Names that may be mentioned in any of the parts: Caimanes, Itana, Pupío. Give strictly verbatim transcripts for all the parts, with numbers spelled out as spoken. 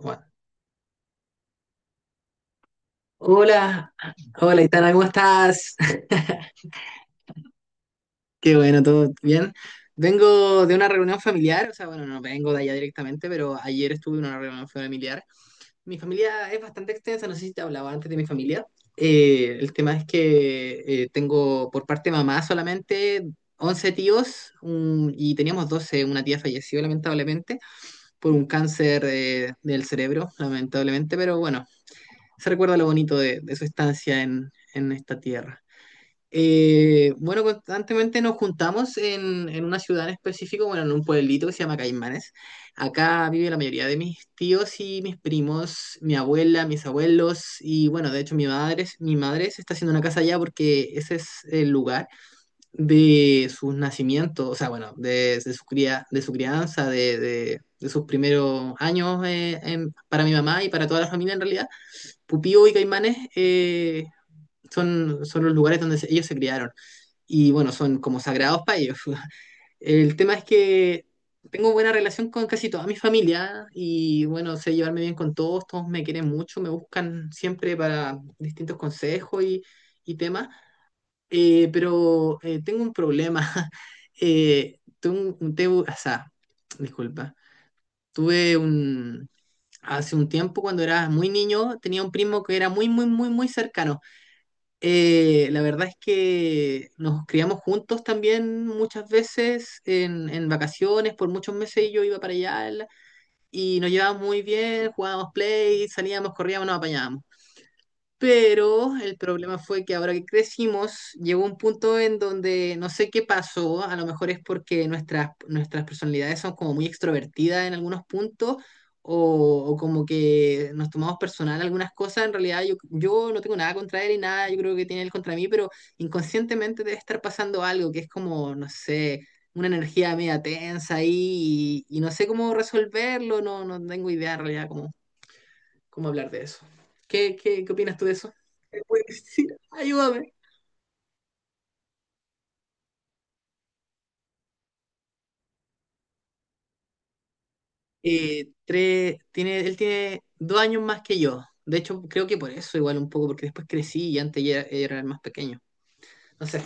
Bueno, hola, hola Itana, ¿cómo estás? Qué bueno, todo bien. Vengo de una reunión familiar, o sea, bueno, no vengo de allá directamente, pero ayer estuve en una reunión familiar. Mi familia es bastante extensa, no sé si te hablaba antes de mi familia. Eh, el tema es que eh, tengo por parte de mamá solamente once tíos un- y teníamos doce, una tía falleció lamentablemente por un cáncer eh, del cerebro, lamentablemente, pero bueno, se recuerda lo bonito de, de su estancia en, en esta tierra. Eh, bueno, constantemente nos juntamos en, en una ciudad en específico, bueno, en un pueblito que se llama Caimanes. Acá vive la mayoría de mis tíos y mis primos, mi abuela, mis abuelos y bueno, de hecho mi madre, mi madre se está haciendo una casa allá porque ese es el lugar de sus nacimientos, o sea, bueno, de, de su cría, de su crianza, de, de- de sus primeros años eh, en- para mi mamá y para toda la familia en realidad. Pupío y Caimanes eh, son, son los lugares donde se- ellos se criaron y bueno, son como sagrados para ellos. El tema es que tengo buena relación con casi toda mi familia y bueno, sé llevarme bien con todos, todos me quieren mucho, me buscan siempre para distintos consejos y, y temas. Eh, pero eh, tengo un problema. Eh, tengo un, tengo- o sea, disculpa, tuve un. Hace un tiempo, cuando era muy niño, tenía un primo que era muy, muy, muy, muy cercano. Eh, la verdad es que nos criamos juntos también muchas veces en, en vacaciones, por muchos meses yo iba para allá él- y nos llevábamos muy bien, jugábamos play, salíamos, corríamos, nos apañábamos. Pero el problema fue que ahora que crecimos, llegó un punto en donde no sé qué pasó, a lo mejor es porque nuestras, nuestras personalidades son como muy extrovertidas en algunos puntos, o, o como que nos tomamos personal algunas cosas, en realidad yo, yo no tengo nada contra él y nada, yo creo que tiene él contra mí, pero inconscientemente debe estar pasando algo que es como, no sé, una energía media tensa ahí y, y no sé cómo resolverlo, no, no tengo idea en realidad cómo hablar de eso. ¿Qué, qué, qué opinas tú de eso? Eh, pues, sí, ayúdame. Eh, tres, tiene, él tiene dos años más que yo. De hecho, creo que por eso igual un poco, porque después crecí y antes ya era el más pequeño. No sé.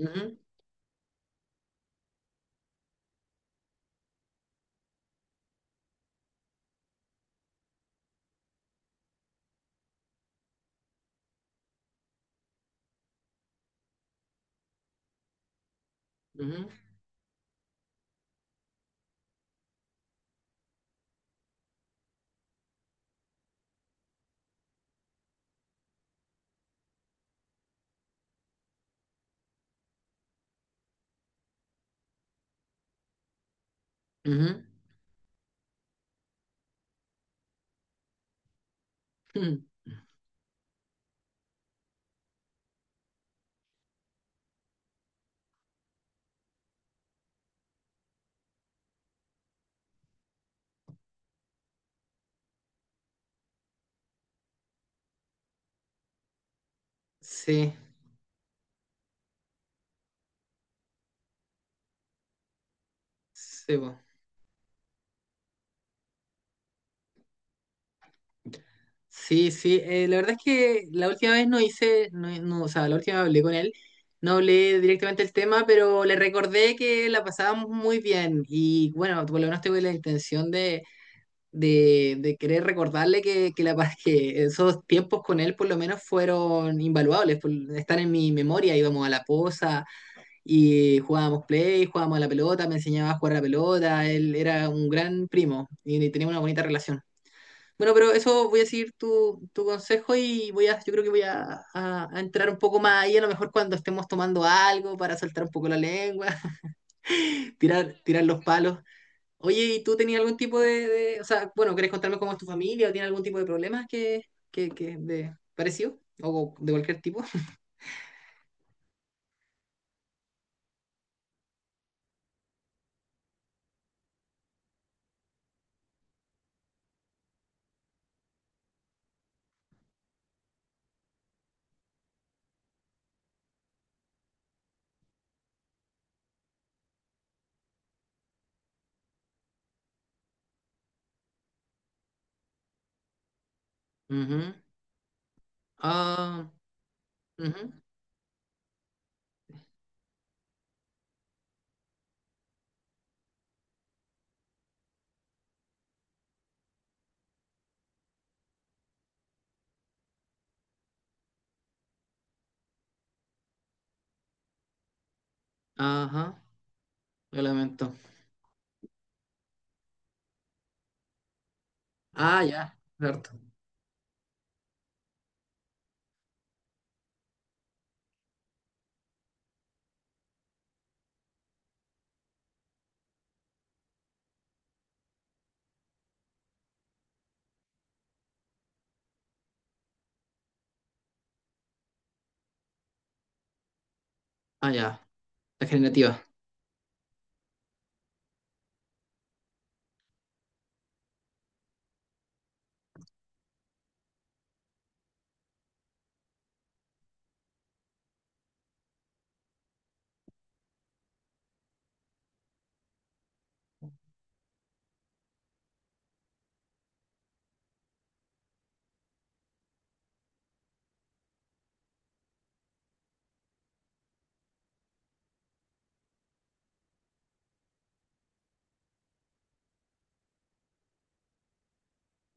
Ujú, ujú, ujú. Mm, sí, sí, po. Sí, sí, eh, la verdad es que la última vez no hice, no, no, o sea, la última vez hablé con él, no hablé directamente el tema, pero le recordé que la pasábamos muy bien y bueno, por lo menos tuve la intención de, de, de querer recordarle que, que, la, pa- que esos tiempos con él por lo menos fueron invaluables, por- están en mi memoria, íbamos a la posa y jugábamos play, jugábamos a la pelota, me enseñaba a jugar a la pelota, él era un gran primo y teníamos una bonita relación. Bueno, pero eso voy a seguir tu, tu consejo y voy a, yo creo que voy a, a- a entrar un poco más ahí, a lo mejor cuando estemos tomando algo para soltar un poco la lengua, tirar, tirar los palos. Oye, ¿y tú tenías algún tipo de, de- o sea, bueno, ¿querés contarme cómo es tu familia o tiene algún tipo de problemas que, que, que de parecido o de cualquier tipo? Ujú. Ah, ujú. Ajá, lo lamento. Ah, ya, cierto. Ah, ya, la generativa.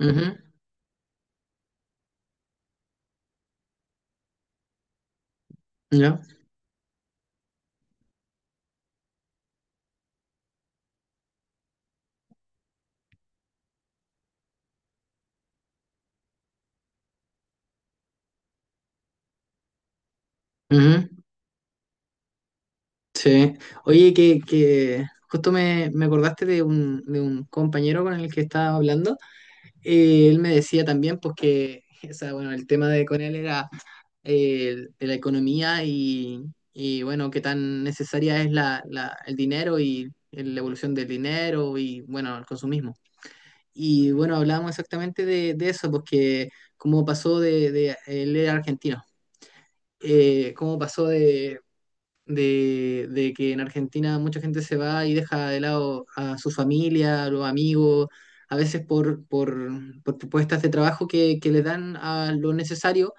Ujú. Ya. Ujú. Sí. Oye, que, que justo me, me acordaste de un, de un compañero con el que estaba hablando. Eh, él me decía también, pues que, o sea, bueno, el tema de con él era el- la economía y, y, bueno, qué tan necesaria es la, la- el dinero y la evolución del dinero y bueno, el consumismo. Y bueno, hablábamos exactamente de, de eso, porque cómo pasó de, de él era argentino, eh, cómo pasó de, de, de que en Argentina mucha gente se va y deja de lado a su familia, a los amigos, a veces por, por, por propuestas de trabajo que, que le dan a lo necesario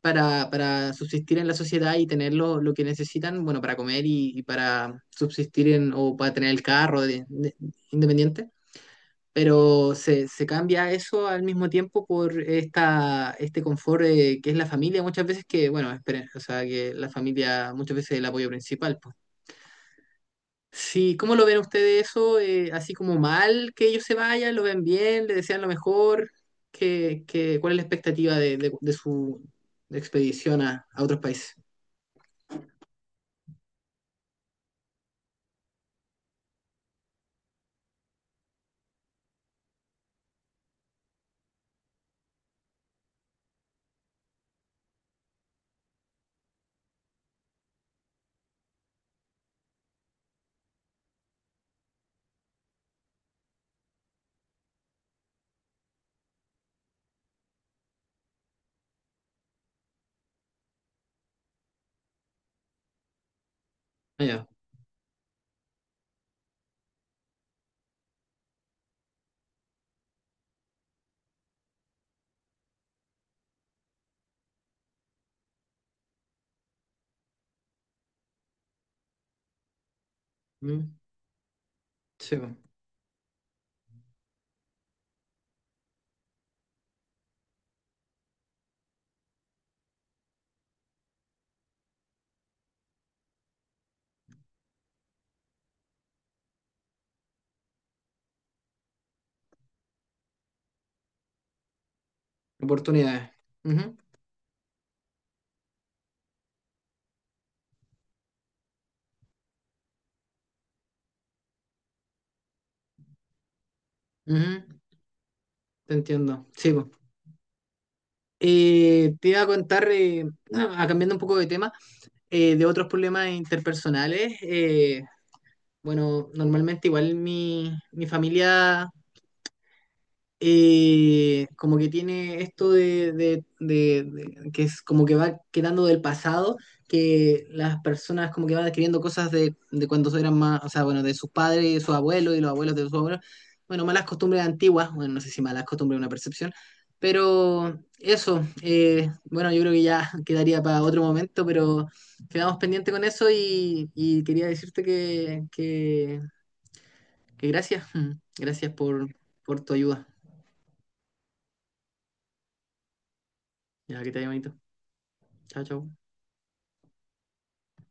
para, para subsistir en la sociedad y tener lo, lo que necesitan, bueno, para comer y, y para subsistir en, o para tener el carro de- de- independiente. Pero se, se cambia eso al mismo tiempo por esta, este confort eh, que es la familia, muchas veces que, bueno, esperen, o sea, que la familia muchas veces es el apoyo principal, pues. Sí, ¿cómo lo ven ustedes eso? Eh, así como mal que ellos se vayan, lo ven bien, le desean lo mejor. ¿Qué, qué- cuál es la expectativa de, de- de su expedición a a otros países? Ah, ya. Mm, sí, po. Oportunidades. Ujú, ujú. Te entiendo. Sí, po. Eh, te iba a contar, eh, ah, cambiando un poco de tema, eh, de otros problemas interpersonales. Eh, bueno, normalmente igual mi, mi familia eh, como que tiene esto de, de- de- de- que es como que va quedando del pasado, que las personas como que van adquiriendo cosas de, de cuando eran más, o sea, bueno, de sus padres y de sus abuelos y los abuelos de sus abuelos, bueno, malas costumbres antiguas, bueno, no sé si malas costumbres es una percepción, pero eso, eh, bueno, yo creo que ya quedaría para otro momento, pero quedamos pendientes con eso y, y quería decirte que, que, que gracias, mm, gracias por, por tu ayuda, ya que te haya bonito. Hola, ¿cómo?